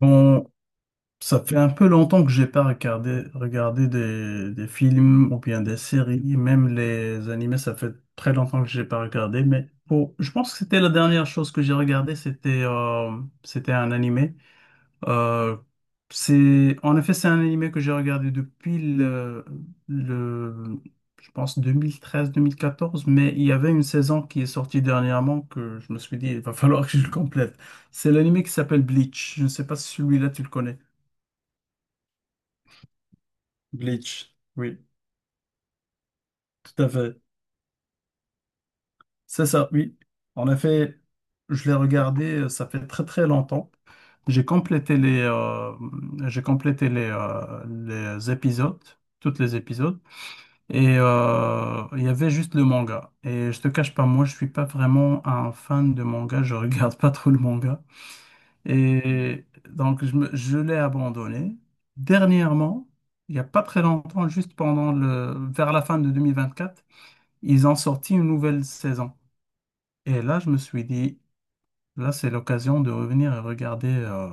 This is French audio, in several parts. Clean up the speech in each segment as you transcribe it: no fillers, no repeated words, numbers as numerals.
Bon, ça fait un peu longtemps que j'ai pas regardé des films ou bien des séries, même les animés, ça fait très longtemps que j'ai pas regardé, mais bon, je pense que c'était la dernière chose que j'ai regardée, c'était un animé. Euh, c'est, en effet, c'est un animé que j'ai regardé depuis le, je pense deux mille treize 1014, mais il y avait une saison qui est sortie dernièrement que je me suis dit, il va falloir que je le complète. C'est l'animé qui s'appelle Bleach. Je ne sais pas si celui-là tu le connais. Bleach, oui, tout à fait. C'est ça, oui. En effet, je l'ai regardé, ça fait très très longtemps. J'ai complété les, euh, j'ai complété les épisodes, tous les épisodes, et il y avait juste le manga. Et je te cache pas, moi, je suis pas vraiment un fan de manga, je regarde pas trop le manga. Et donc, je l'ai abandonné. Dernièrement, il y a pas très longtemps, juste vers la fin de 2024, ils ont sorti une nouvelle saison. Et là, je me suis dit, là, c'est l'occasion de revenir et regarder,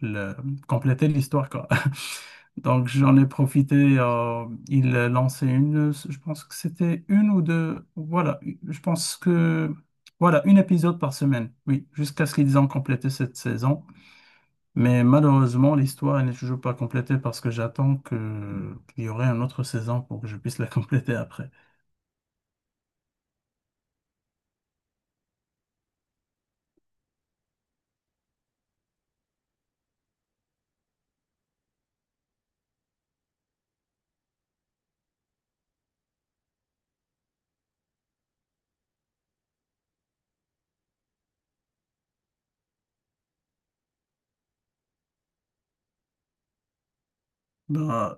le, compléter l'histoire, quoi. Donc, j'en ai profité. Ils lançaient une, je pense que c'était une ou deux. Voilà, je pense que, voilà, une épisode par semaine. Oui, jusqu'à ce qu'ils ont complété cette saison. Mais malheureusement, l'histoire elle n'est toujours pas complétée parce que j'attends que qu'il y aurait une autre saison pour que je puisse la compléter après. Bah,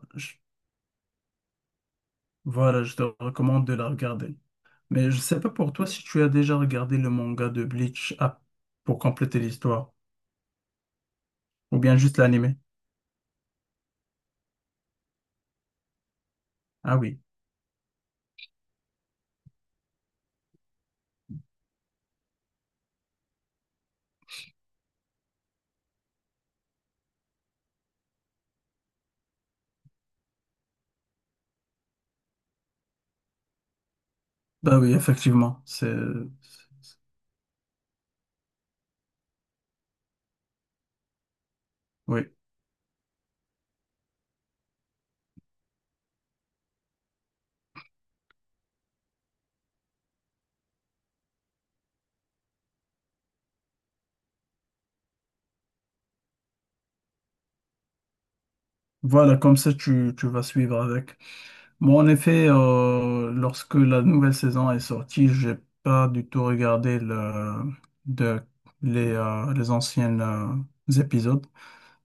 voilà, je te recommande de la regarder. Mais je sais pas pour toi si tu as déjà regardé le manga de Bleach ah, pour compléter l'histoire, ou bien juste l'anime. Ah oui, bah oui, effectivement, c'est- oui, voilà, comme ça tu vas suivre avec. Moi, en effet, lorsque la nouvelle saison est sortie, j'ai pas du tout regardé de, les anciennes épisodes,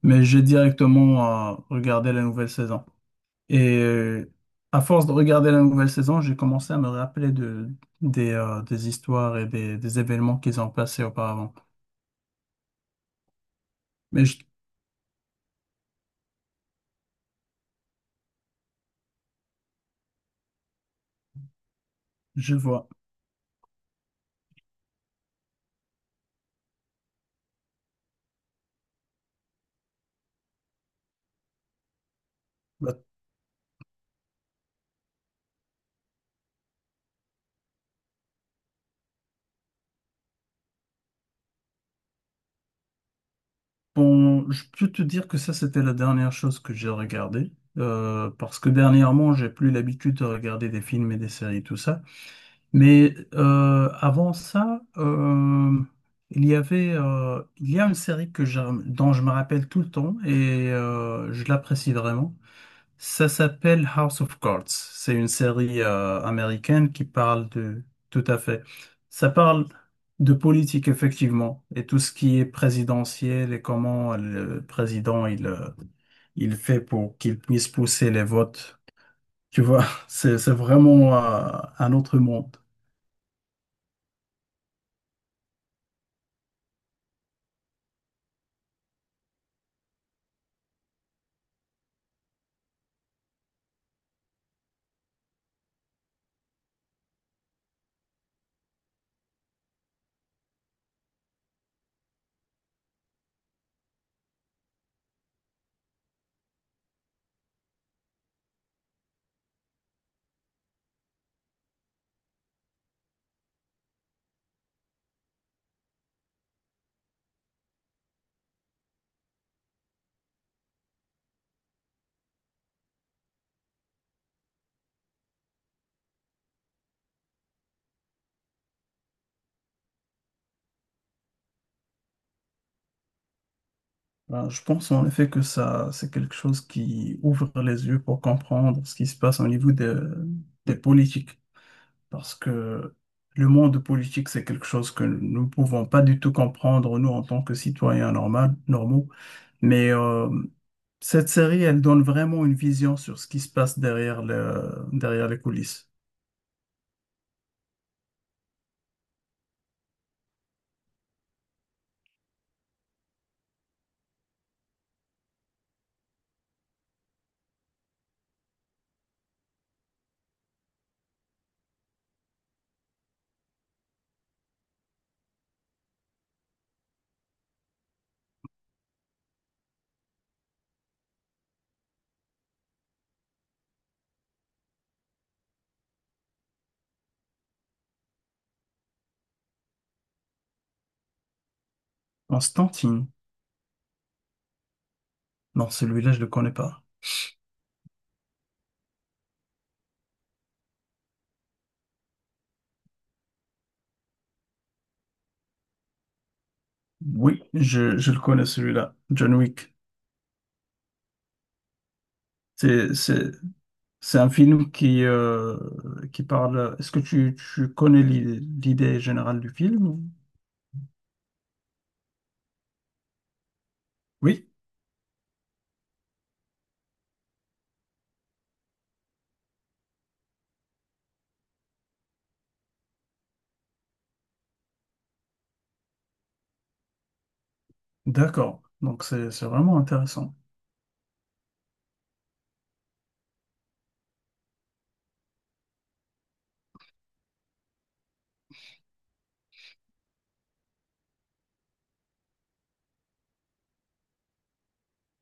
mais j'ai directement regardé la nouvelle saison. Et à force de regarder la nouvelle saison, j'ai commencé à me rappeler de, des histoires et des événements qu'ils ont passés auparavant. Mais je vois. Bah, bon, je peux te dire que ça, c'était la dernière chose que j'ai regardée. Parce que dernièrement, j'ai plus l'habitude de regarder des films et des séries, tout ça. Mais avant ça, il y avait, il y a une série que j'ai dont je me rappelle tout le temps et je l'apprécie vraiment. Ça s'appelle House of Cards. C'est une série américaine qui parle de... Tout à fait. Ça parle de politique, effectivement, et tout ce qui est présidentiel et comment le président, il fait pour qu'il puisse pousser les votes. Tu vois, c'est vraiment un autre monde. Ben, je pense en effet que ça, c'est quelque chose qui ouvre les yeux pour comprendre ce qui se passe au niveau des politiques, parce que le monde politique, c'est quelque chose que nous ne pouvons pas du tout comprendre, nous, en tant que citoyens normaux. Mais cette série, elle donne vraiment une vision sur ce qui se passe derrière derrière les coulisses. Constantine. Non, celui-là, je le connais pas. Oui, je le connais, celui-là. John Wick. C'est, c'est un film qui parle... Est-ce que tu connais l'idée générale du film? Ou... Oui, d'accord. Donc, c'est vraiment intéressant.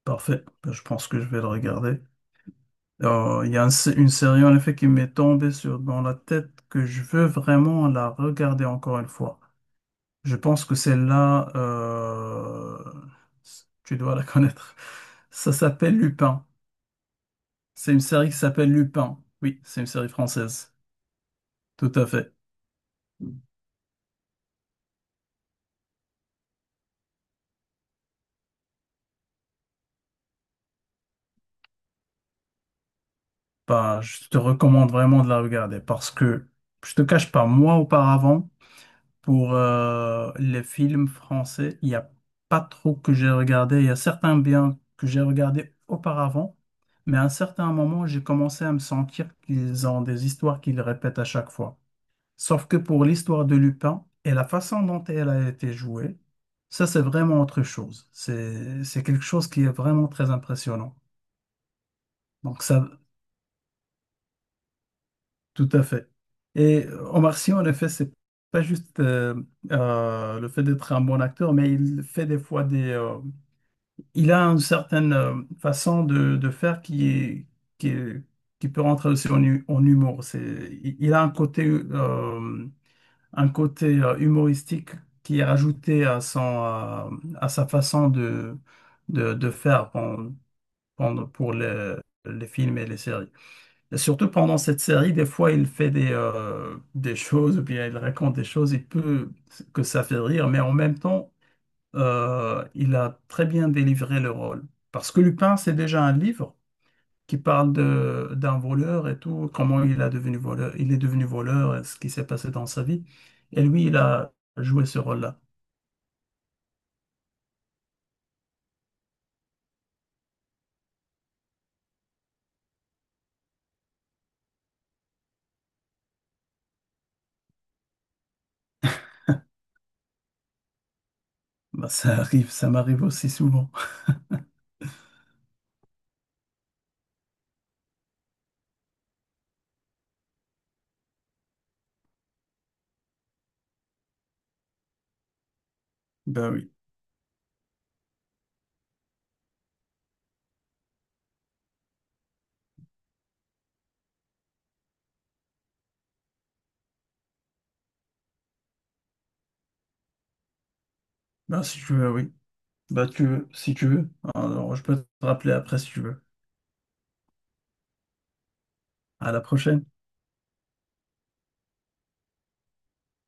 Parfait. Ben, je pense que je vais le regarder. Il y a une série en effet qui m'est tombée sur, dans la tête que je veux vraiment la regarder encore une fois. Je pense que celle-là, tu dois la connaître. Ça s'appelle Lupin. C'est une série qui s'appelle Lupin. Oui, c'est une série française. Tout à fait. Bah, je te recommande vraiment de la regarder parce que je te cache pas, moi auparavant, pour les films français, il n'y a pas trop que j'ai regardé. Il y a certains biens que j'ai regardés auparavant, mais à un certain moment, j'ai commencé à me sentir qu'ils ont des histoires qu'ils répètent à chaque fois. Sauf que pour l'histoire de Lupin et la façon dont elle a été jouée, ça c'est vraiment autre chose. C'est quelque chose qui est vraiment très impressionnant. Donc ça, tout à fait. Et Omar Sy, en effet, c'est pas juste le fait d'être un bon acteur, mais il fait des fois des. Il a une certaine façon de faire qui est- qui peut rentrer aussi en, en humour. C'est, il a un côté humoristique qui est rajouté à son, à sa façon de faire pour les films et les séries. Surtout pendant cette série, des fois, il fait des choses, ou bien il raconte des choses, il peut que ça fait rire, mais en même temps, il a très bien délivré le rôle. Parce que Lupin, c'est déjà un livre qui parle d'un voleur et tout, comment il a devenu voleur, il est devenu voleur, et ce qui s'est passé dans sa vie. Et lui, il a joué ce rôle-là. Bah, ça arrive, ça m'arrive aussi souvent. Ben oui. Ben, si tu veux, oui. Bah, tu veux, si tu veux. Alors, je peux te rappeler après si tu veux. À la prochaine.